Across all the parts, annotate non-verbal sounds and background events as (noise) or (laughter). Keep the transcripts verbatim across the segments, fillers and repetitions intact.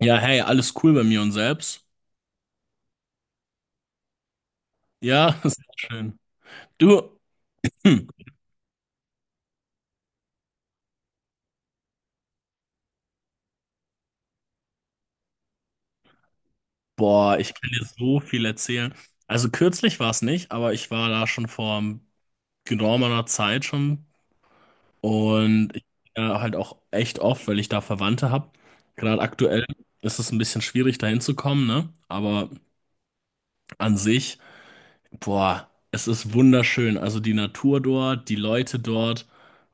Ja, hey, alles cool bei mir und selbst. Ja, (laughs) sehr schön. Du, hm, boah, ich kann dir so viel erzählen. Also kürzlich war es nicht, aber ich war da schon vor geraumer Zeit schon und ich bin da halt auch echt oft, weil ich da Verwandte habe. Gerade aktuell ist es ein bisschen schwierig, da hinzukommen, ne? Aber an sich, boah, es ist wunderschön. Also die Natur dort, die Leute dort.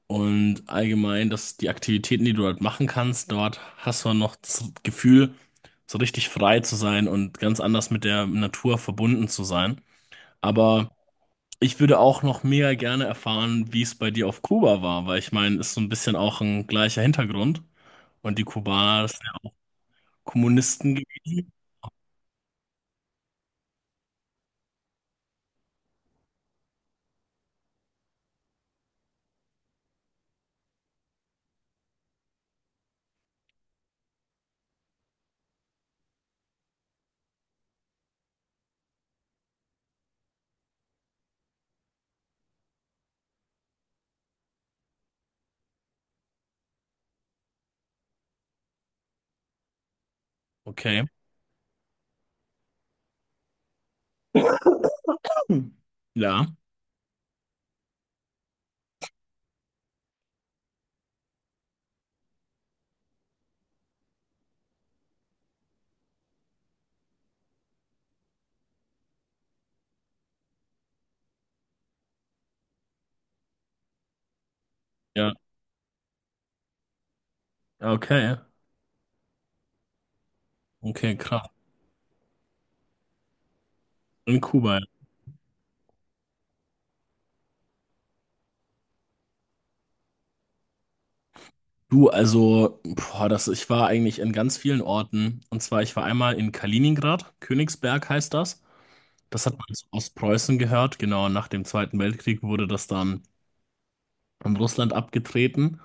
Und allgemein, dass die Aktivitäten, die du dort machen kannst, dort hast du noch das Gefühl, so richtig frei zu sein und ganz anders mit der Natur verbunden zu sein. Aber ich würde auch noch mega gerne erfahren, wie es bei dir auf Kuba war, weil ich meine, ist so ein bisschen auch ein gleicher Hintergrund. Und die Kubaner sind ja auch Kommunisten gewesen. Okay. Hm. Ja. Ja. Okay. Okay, krass. In Kuba, ja. Du, also, boah, das, ich war eigentlich in ganz vielen Orten. Und zwar, ich war einmal in Kaliningrad, Königsberg heißt das. Das hat man zu Ostpreußen gehört. Genau, nach dem Zweiten Weltkrieg wurde das dann an Russland abgetreten.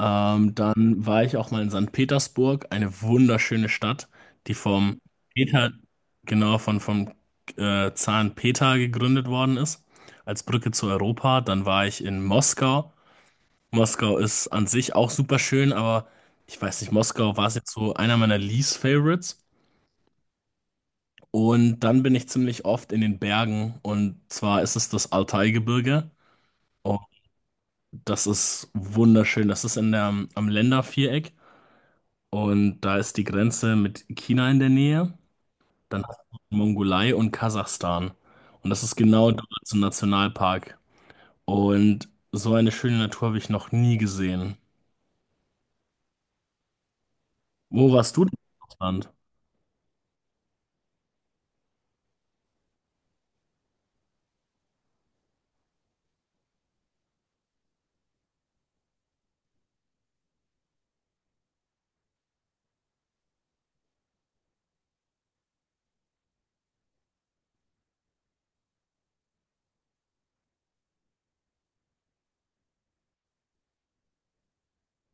Ähm, dann war ich auch mal in Sankt Petersburg, eine wunderschöne Stadt, die vom Peter, genau, von, vom äh, Zaren Peter gegründet worden ist, als Brücke zu Europa. Dann war ich in Moskau. Moskau ist an sich auch super schön, aber ich weiß nicht, Moskau war es jetzt so einer meiner Least Favorites. Und dann bin ich ziemlich oft in den Bergen und zwar ist es das Altaigebirge. Und das ist wunderschön. Das ist in der, am Länderviereck und da ist die Grenze mit China in der Nähe. Dann hast du Mongolei und Kasachstan. Und das ist genau dort zum Nationalpark. Und so eine schöne Natur habe ich noch nie gesehen. Wo warst du denn in Russland?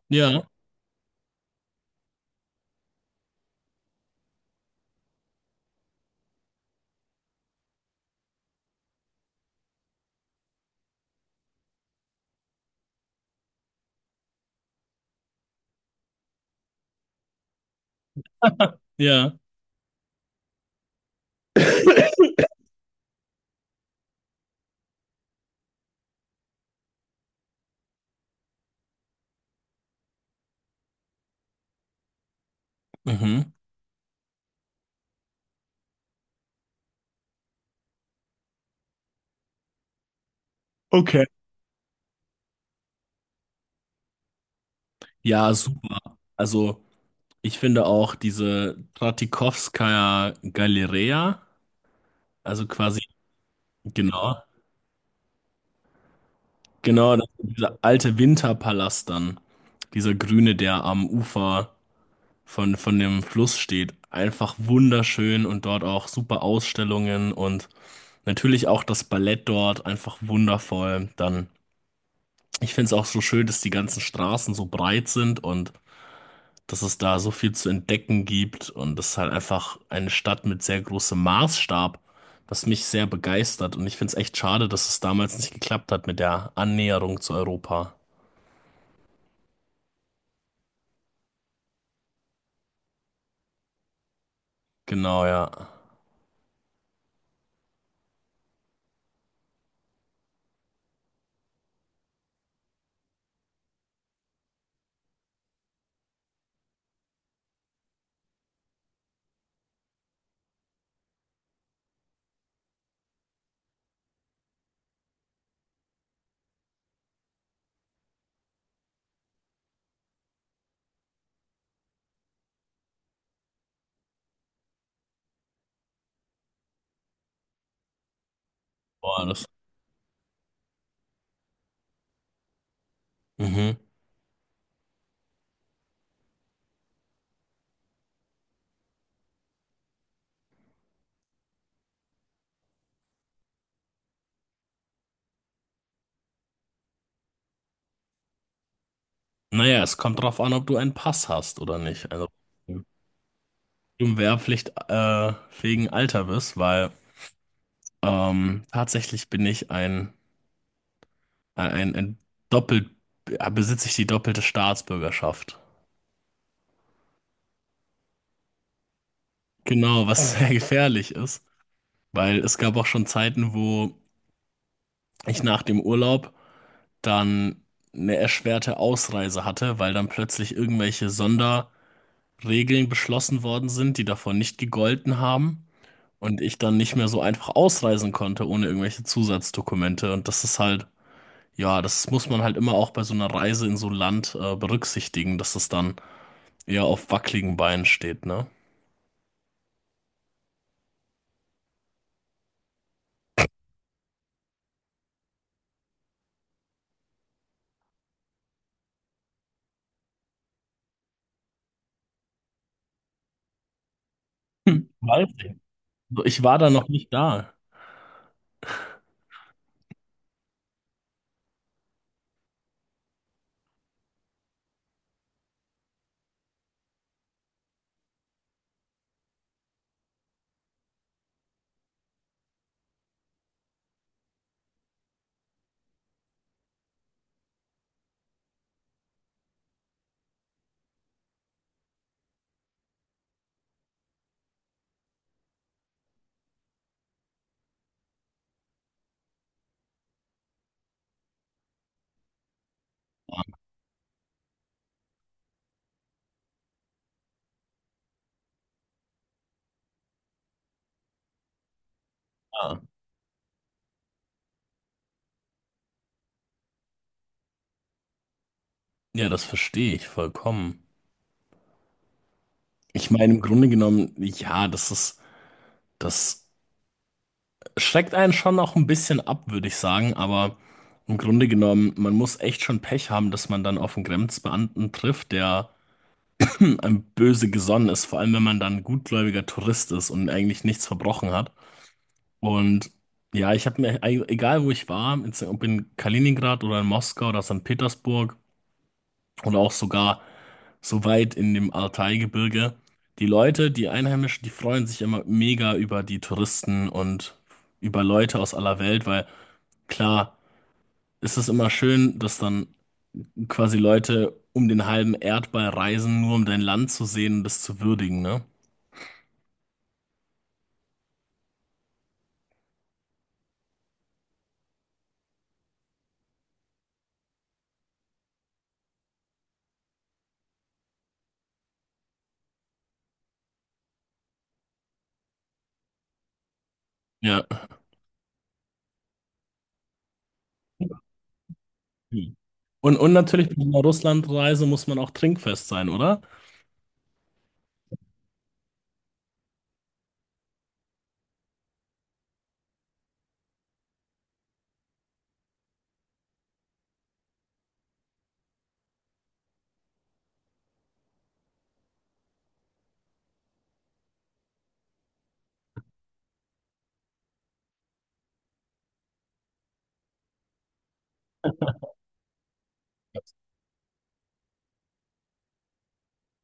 Ja, ja. Mhm. Okay. Ja, super. Also, ich finde auch diese Tratikowskaja Galeria, also quasi, genau, genau, das, dieser alte Winterpalast dann, dieser grüne, der am Ufer von, von dem Fluss steht, einfach wunderschön und dort auch super Ausstellungen und natürlich auch das Ballett dort einfach wundervoll. Dann, ich finde es auch so schön, dass die ganzen Straßen so breit sind und dass es da so viel zu entdecken gibt und das ist halt einfach eine Stadt mit sehr großem Maßstab, was mich sehr begeistert und ich finde es echt schade, dass es damals nicht geklappt hat mit der Annäherung zu Europa. Genau, ja. Boah, das. Mhm. Naja, es kommt drauf an, ob du einen Pass hast oder nicht. Also, wenn du im Wehrpflicht äh, wegen Alter bist, weil ähm, tatsächlich bin ich ein, ein, ein doppelt, äh, besitze ich die doppelte Staatsbürgerschaft. Genau, was sehr gefährlich ist. Weil es gab auch schon Zeiten, wo ich nach dem Urlaub dann eine erschwerte Ausreise hatte, weil dann plötzlich irgendwelche Sonderregeln beschlossen worden sind, die davor nicht gegolten haben und ich dann nicht mehr so einfach ausreisen konnte ohne irgendwelche Zusatzdokumente. Und das ist halt, ja, das muss man halt immer auch bei so einer Reise in so ein Land äh, berücksichtigen, dass es dann eher auf wackeligen Beinen steht, ne? Hm, weiß ich. So, ich war da noch nicht da. Ah, ja, das verstehe ich vollkommen. Ich meine, im Grunde genommen, ja, das ist, das schreckt einen schon auch ein bisschen ab, würde ich sagen, aber im Grunde genommen, man muss echt schon Pech haben, dass man dann auf einen Grenzbeamten trifft, der hm, einem böse gesonnen ist, vor allem wenn man dann ein gutgläubiger Tourist ist und eigentlich nichts verbrochen hat. Und ja, ich habe mir, e-, egal wo ich war, jetzt, ob in Kaliningrad oder in Moskau oder Sankt Petersburg, und auch sogar so weit in dem Altai-Gebirge. Die Leute, die Einheimischen, die freuen sich immer mega über die Touristen und über Leute aus aller Welt, weil klar ist es immer schön, dass dann quasi Leute um den halben Erdball reisen, nur um dein Land zu sehen und es zu würdigen, ne? Ja. Und, und natürlich bei einer Russlandreise muss man auch trinkfest sein, oder?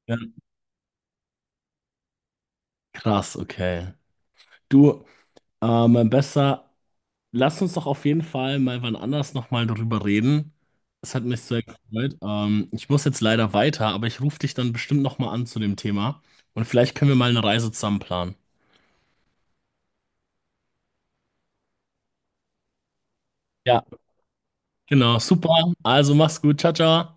Ja. Krass, okay. Du, ähm, besser. Lass uns doch auf jeden Fall mal wann anders nochmal darüber reden. Es hat mich sehr gefreut. Ähm, ich muss jetzt leider weiter, aber ich rufe dich dann bestimmt nochmal an zu dem Thema. Und vielleicht können wir mal eine Reise zusammen planen. Ja, genau, super. Also mach's gut. Ciao, ciao.